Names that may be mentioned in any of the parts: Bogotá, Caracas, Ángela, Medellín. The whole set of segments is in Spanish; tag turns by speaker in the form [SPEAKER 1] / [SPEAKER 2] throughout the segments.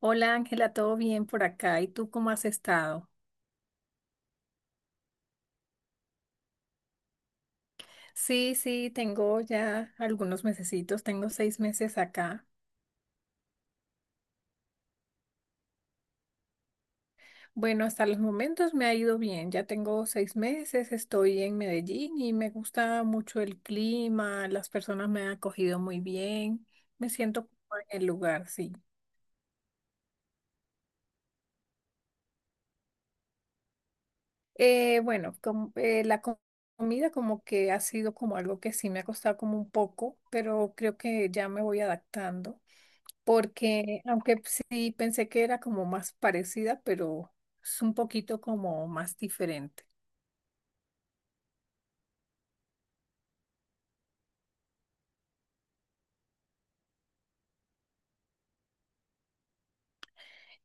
[SPEAKER 1] Hola Ángela, ¿todo bien por acá? ¿Y tú cómo has estado? Sí, sí, tengo ya algunos mesecitos, tengo 6 meses acá. Bueno, hasta los momentos me ha ido bien, ya tengo 6 meses, estoy en Medellín y me gusta mucho el clima, las personas me han acogido muy bien, me siento cómoda en el lugar, sí. Bueno, comida como que ha sido como algo que sí me ha costado como un poco, pero creo que ya me voy adaptando. Porque aunque sí pensé que era como más parecida, pero es un poquito como más diferente.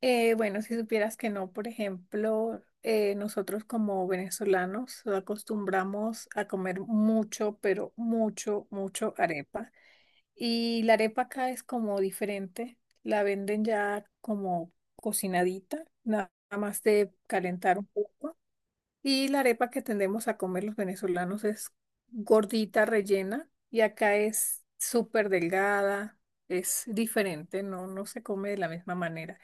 [SPEAKER 1] Bueno, si supieras que no, por ejemplo, nosotros como venezolanos acostumbramos a comer mucho, pero mucho, mucho arepa. Y la arepa acá es como diferente, la venden ya como cocinadita, nada más de calentar un poco. Y la arepa que tendemos a comer los venezolanos es gordita, rellena, y acá es súper delgada, es diferente, no, no se come de la misma manera.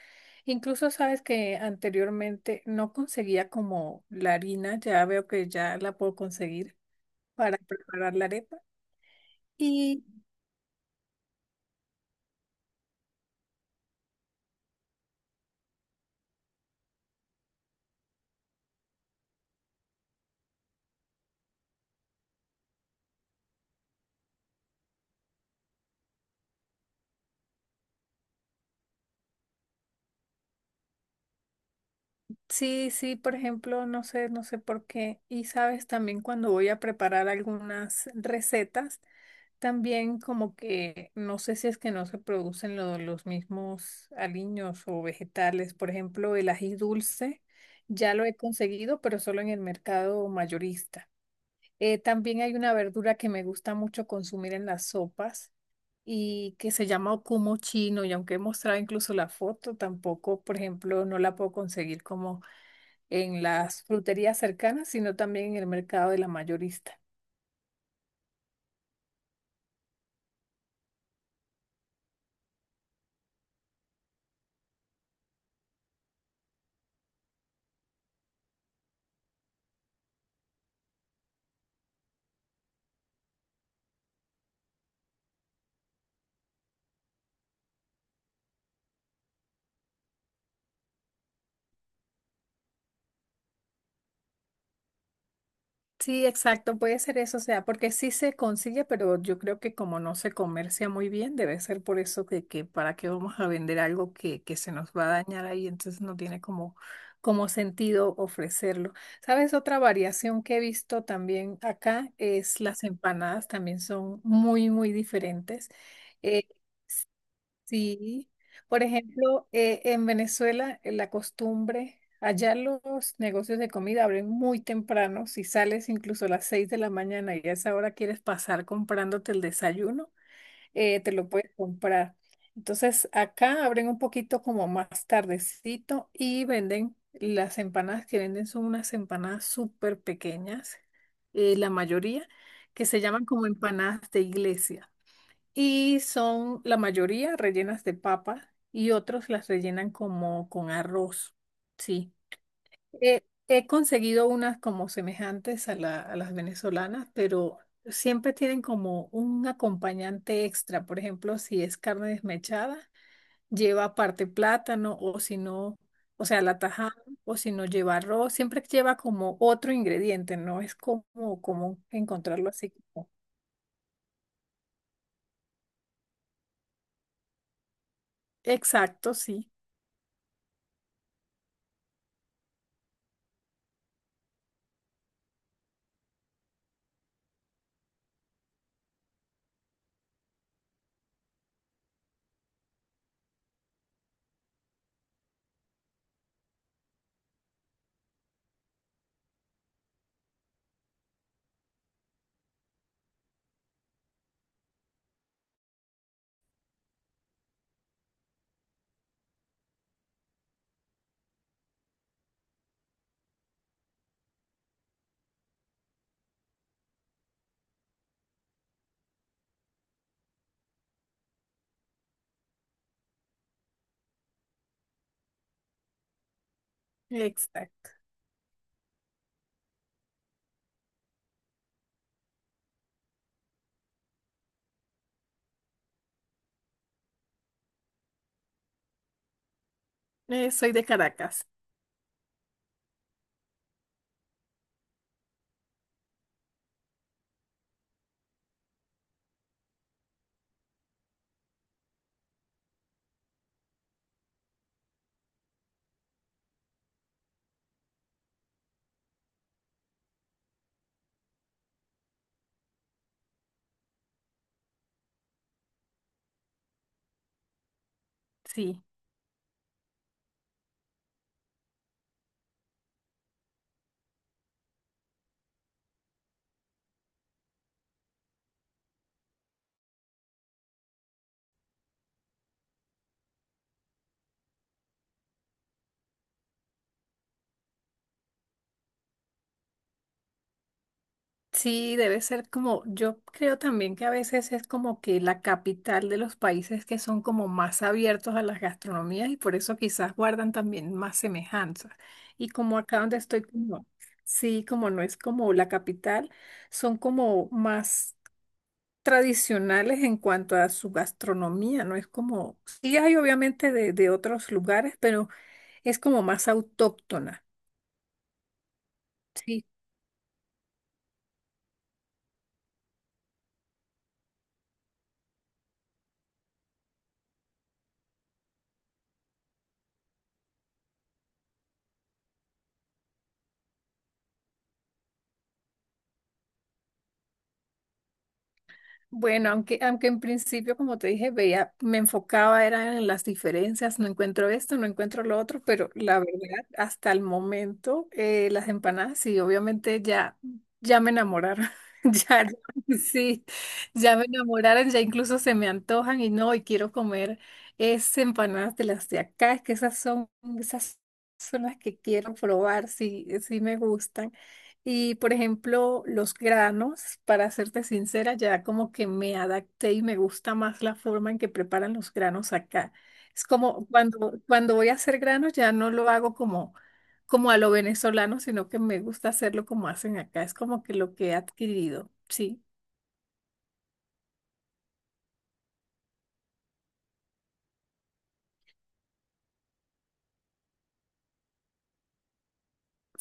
[SPEAKER 1] Incluso sabes que anteriormente no conseguía como la harina, ya veo que ya la puedo conseguir para preparar la arepa. Y sí, sí, por ejemplo, no sé, no sé por qué. Y sabes también cuando voy a preparar algunas recetas. También como que no sé si es que no se producen los mismos aliños o vegetales. Por ejemplo, el ají dulce ya lo he conseguido, pero solo en el mercado mayorista. También hay una verdura que me gusta mucho consumir en las sopas y que se llama ocumo chino y aunque he mostrado incluso la foto, tampoco, por ejemplo, no la puedo conseguir como en las fruterías cercanas, sino también en el mercado de la mayorista. Sí, exacto, puede ser eso, o sea, porque sí se consigue, pero yo creo que como no se comercia muy bien, debe ser por eso que para qué vamos a vender algo que se nos va a dañar ahí, entonces no tiene como, como sentido ofrecerlo. ¿Sabes? Otra variación que he visto también acá es las empanadas, también son muy, muy diferentes. Eh, Sí, por ejemplo, en Venezuela la costumbre, allá los negocios de comida abren muy temprano, si sales incluso a las 6 de la mañana y a esa hora quieres pasar comprándote el desayuno, te lo puedes comprar. Entonces, acá abren un poquito como más tardecito y venden las empanadas que venden son unas empanadas súper pequeñas, la mayoría, que se llaman como empanadas de iglesia y son la mayoría rellenas de papa y otros las rellenan como con arroz. Sí, he conseguido unas como semejantes a, a las venezolanas, pero siempre tienen como un acompañante extra. Por ejemplo, si es carne desmechada, lleva aparte plátano o si no, o sea, la tajada. O si no lleva arroz, siempre lleva como otro ingrediente, no es como común encontrarlo así como. Exacto, sí, exacto. Soy de Caracas, sí. Sí, debe ser como, yo creo también que a veces es como que la capital de los países que son como más abiertos a las gastronomías y por eso quizás guardan también más semejanzas. Y como acá donde estoy, como, sí, como no es como la capital, son como más tradicionales en cuanto a su gastronomía, no es como, sí hay obviamente de otros lugares, pero es como más autóctona. Sí, bueno, aunque, aunque en principio, como te dije, veía, me enfocaba era en las diferencias, no encuentro esto, no encuentro lo otro, pero la verdad, hasta el momento, las empanadas, sí, obviamente ya, ya me enamoraron, ya, ya, sí, ya me enamoraron, ya incluso se me antojan y no, y quiero comer esas empanadas de las de acá, es que esas son las que quiero probar, sí, sí me gustan. Y por ejemplo, los granos, para serte sincera, ya como que me adapté y me gusta más la forma en que preparan los granos acá. Es como cuando voy a hacer granos ya no lo hago como, como a lo venezolano, sino que me gusta hacerlo como hacen acá. Es como que lo que he adquirido. Sí,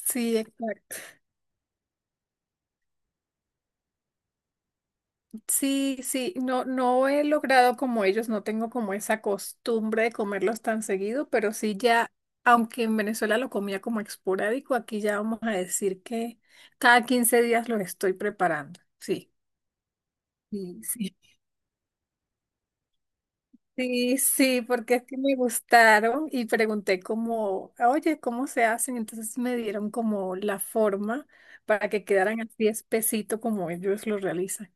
[SPEAKER 1] sí, exacto. Sí, sí, no, no he logrado como ellos, no tengo como esa costumbre de comerlos tan seguido, pero sí ya, aunque en Venezuela lo comía como esporádico, aquí ya vamos a decir que cada 15 días los estoy preparando. Sí, sí, sí. Sí, sí, porque es que me gustaron y pregunté como, oye, ¿cómo se hacen? Entonces me dieron como la forma para que quedaran así espesito como ellos lo realizan.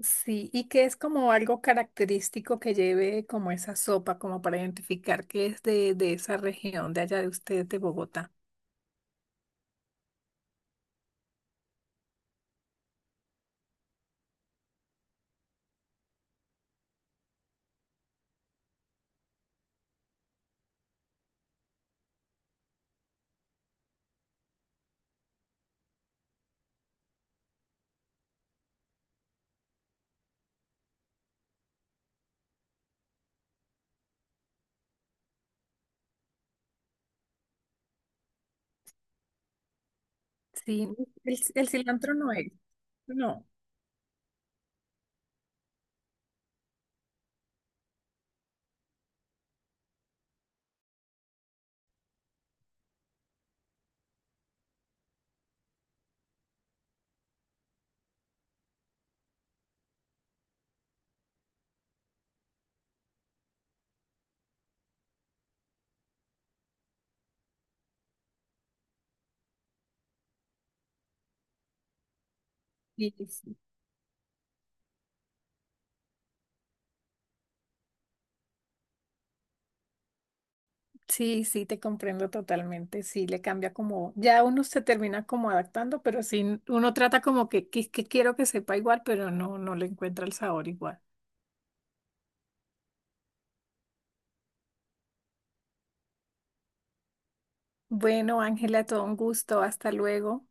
[SPEAKER 1] Sí, y que es como algo característico que lleve como esa sopa, como para identificar que es de esa región, de allá de ustedes, de Bogotá. Sí, el cilantro no es, no. Sí, sí, sí, sí, te comprendo totalmente, sí, le cambia como, ya uno se termina como adaptando, pero sí, uno trata como que quiero que sepa igual, pero no, no le encuentra el sabor igual. Bueno, Ángela, todo un gusto, hasta luego.